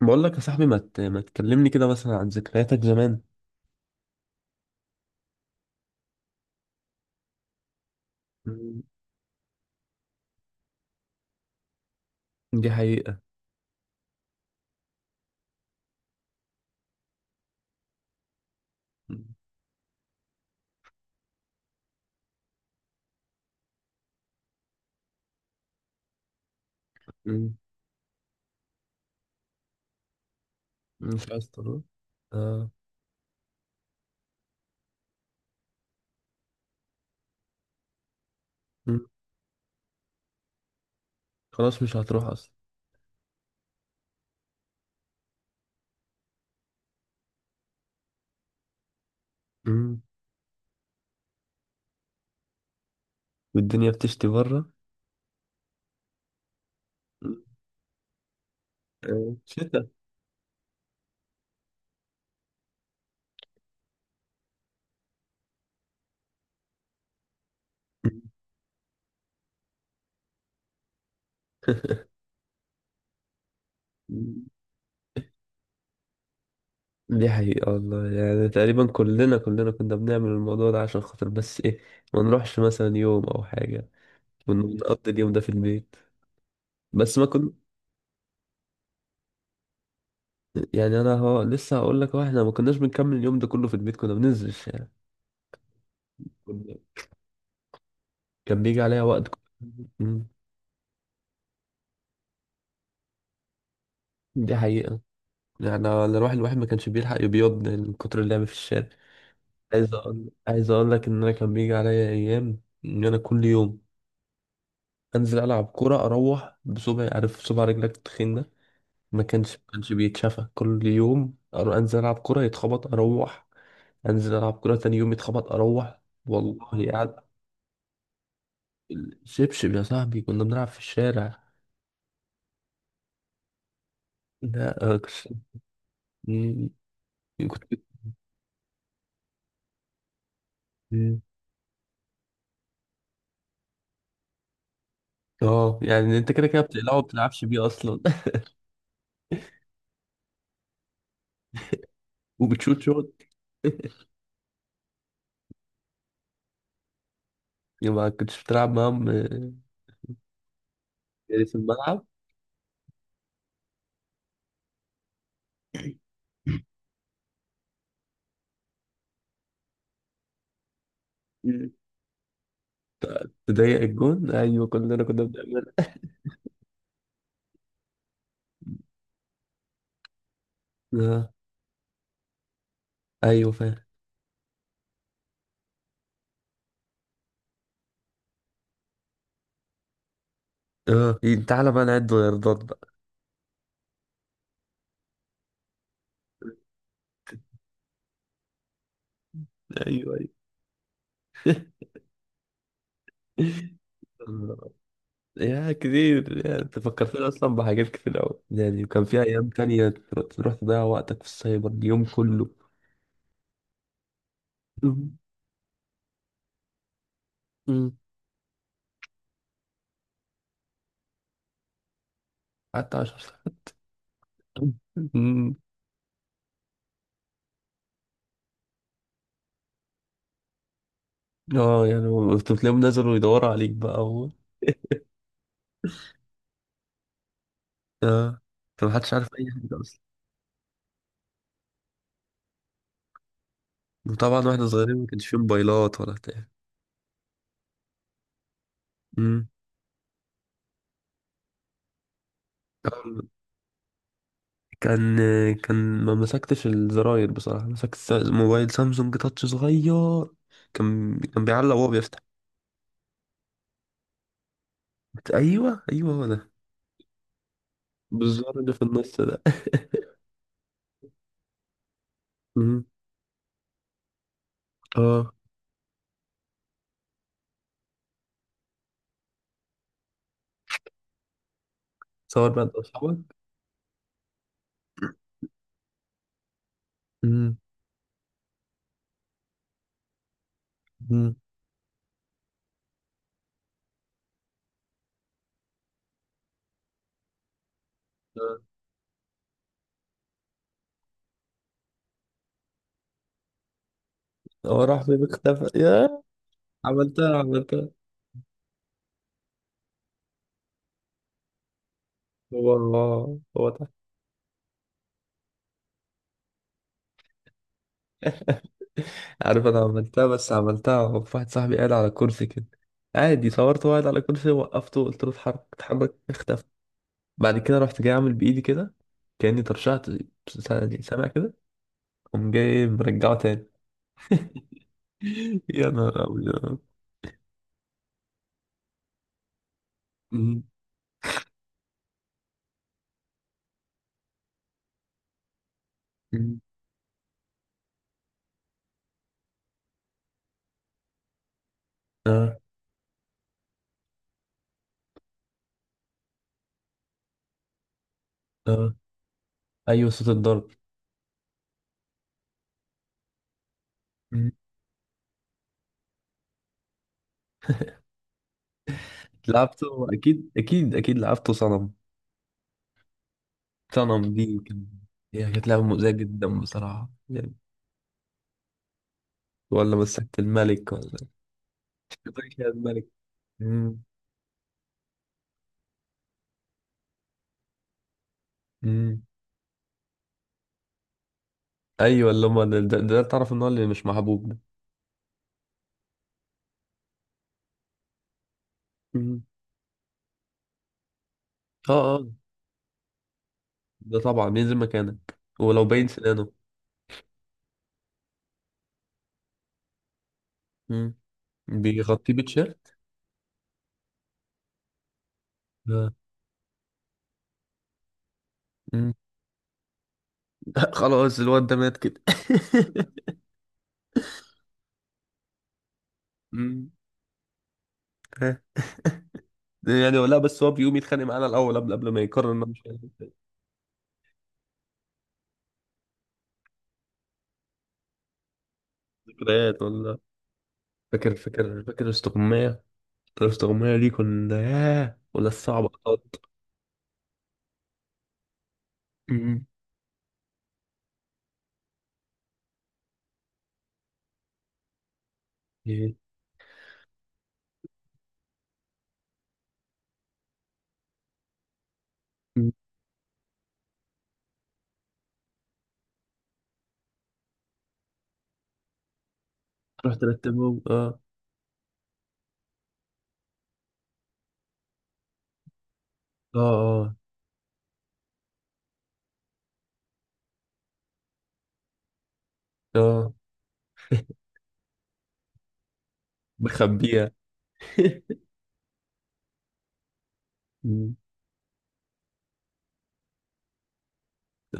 بقول لك يا صاحبي، ما تكلمني كده مثلا عن ذكرياتك زمان. مم. دي حقيقة. مم. مم. مش عايز تروح. آه. مم. خلاص مش هتروح أصلا. مم. والدنيا بتشتي بره. مم. آه. شتا. مم. مم. دي حقيقة والله. يعني تقريبا كلنا كنا بنعمل الموضوع ده عشان خاطر بس إيه، ما نروحش مثلا يوم أو حاجة، ونقضي اليوم ده في البيت. بس ما كنا، يعني أنا هو لسه هقول لك، هو إحنا ما كناش بنكمل اليوم ده كله في البيت، كنا بننزل الشارع. كان بيجي عليا وقت. مم. دي حقيقة. يعني أنا الواحد ما كانش بيلحق يبيض من كتر اللعب في الشارع. عايز أقول لك إن أنا كان بيجي عليا أيام، إن أنا كل يوم أنزل ألعب كورة، أروح بصبعي، عارف صبع رجلك التخين ده؟ ما كانش بيتشافى. كل يوم أنزل ألعب كورة، يتخبط، أروح. أنزل ألعب كورة، تاني يوم يتخبط، أروح. والله قاعد. شبشب يا صاحبي، كنا بنلعب في الشارع. لا آه، كنت. مم. كنت- اه، يعني انت كده كده بتقلعه وما بتلعبش بيه اصلا. وبتشوط شوت. يبقى ما كنتش بتلعب معاهم؟ آه، يعني في الملعب. مم. تضيق الجون، ايوه كلنا كنا بنعملها. اه. ايوه فاهم. اه، إيه، تعالى بقى نعد غيردات بقى. ايوه، ايوه. الله. يا كتير، يعني انت فكرتني اصلا بحاجات كتير قوي. يعني وكان في ايام تانية تروح تضيع وقتك في السايبر اليوم كله. مم. مم. حتى 10 ساعات. مم. اه، يعني كنت بتلاقيهم نزلوا يدوروا عليك بقى. اه. فمحدش عارف اي حاجه اصلا. وطبعا واحنا صغيرين ما كانش فيه موبايلات ولا بتاع. امم كان كان ما مسكتش الزراير بصراحه. مسكت موبايل سامسونج تاتش صغير. كان بيعلق وهو بيفتح. ايوه، ايوه، هو ده. بالزر اللي في النص ده. امم اه. صور بقى انت واصحابك. امم امم اه. هو راح فين؟ اختفى يا. عملتها، عملتها. هو ده. عارف انا عملتها، بس عملتها وفي واحد صاحبي قاعد على كرسي كده. عادي، صورته قاعد على كرسي، وقفته، قلت له اتحرك اتحرك، اختفى. بعد كده رحت جاي عامل بايدي كده. كاني ترشحت. يعني سامع كده. قوم جاي مرجعه تاني. يا نهار ابيض. مم. مم. اه، اه، ايوه صوت الضرب. مم. لعبته، اكيد، اكيد، اكيد لعبته صنم. صنم دي كان. هي كانت لعبه مؤذيه جدا بصراحه يعني. ولا مسكت الملك ولا. مسكت الملك. مم. مم. ايوه، اللي هم ده تعرف ان هو اللي مش محبوب ده. مم. اه، اه، ده طبعا ينزل مكانك ولو باين سنانه. مم. بيغطيه بتيشيرت. آه. مم. خلاص الواد ده مات كده. مم. ها. يعني لا، بس هو بيقوم يتخانق معانا الاول قبل ما يقرر انه مش هيعمل. ذكريات ولا؟ فاكر استغماية. الاستغماية دي كنا ياه، ولا الصعب قط؟ مم. إيه. مم. رحت رتبهم، اه. اه، اه، اه، بخبيها.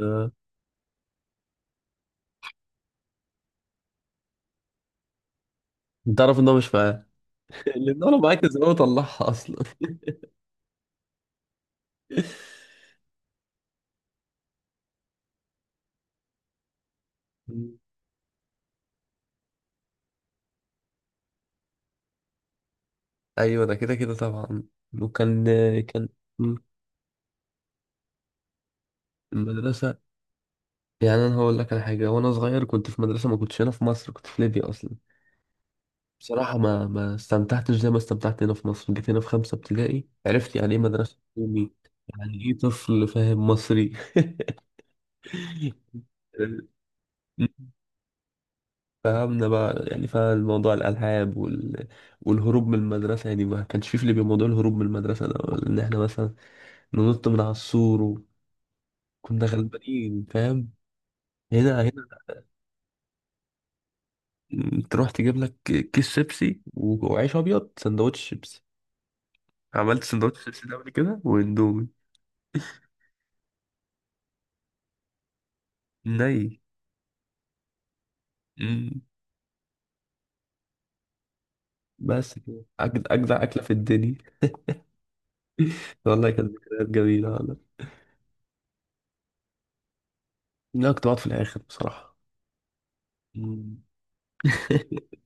آه. انت تعرف ان هو مش معاك. لان هو لو معاك زمان وطلعها اصلا. مم. ايوه ده كده كده طبعا. وكان. كان. مم. المدرسه. يعني انا هقول لك على حاجه. وانا صغير كنت في مدرسه، ما كنتش هنا في مصر، كنت في ليبيا اصلا. بصراحه ما استمتعتش زي ما استمتعت هنا في مصر. جيت هنا في خمسه ابتدائي، عرفت يعني ايه مدرسه حكومي. يعني ايه طفل فاهم مصري. فهمنا بقى، يعني فالموضوع الألعاب وال... والهروب من المدرسة. يعني ما كانش في ليبيا موضوع الهروب من المدرسة ده، ولا إن إحنا مثلا ننط من على السور. وكنا غلبانين، فاهم. هنا، هنا تروح تجيب لك كيس شيبسي وعيش أبيض، سندوتش شيبسي. عملت سندوتش شيبسي ده قبل كده، وإندومي. ني مم. بس كده أجدع أكلة في الدنيا. والله كانت ذكريات جميلة والله. لا، كنت بقعد في الآخر بصراحة. مم.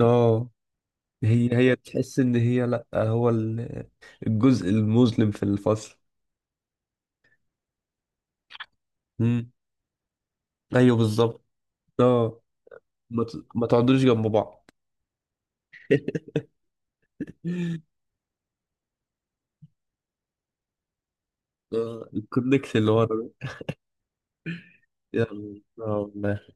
اه، هي تحس ان هي، لا هو الجزء المظلم في الفصل. امم ايوه بالظبط. اه، ما تقعدوش جنب بعض. آه، الكونكت اللي ورا ده. يا الله.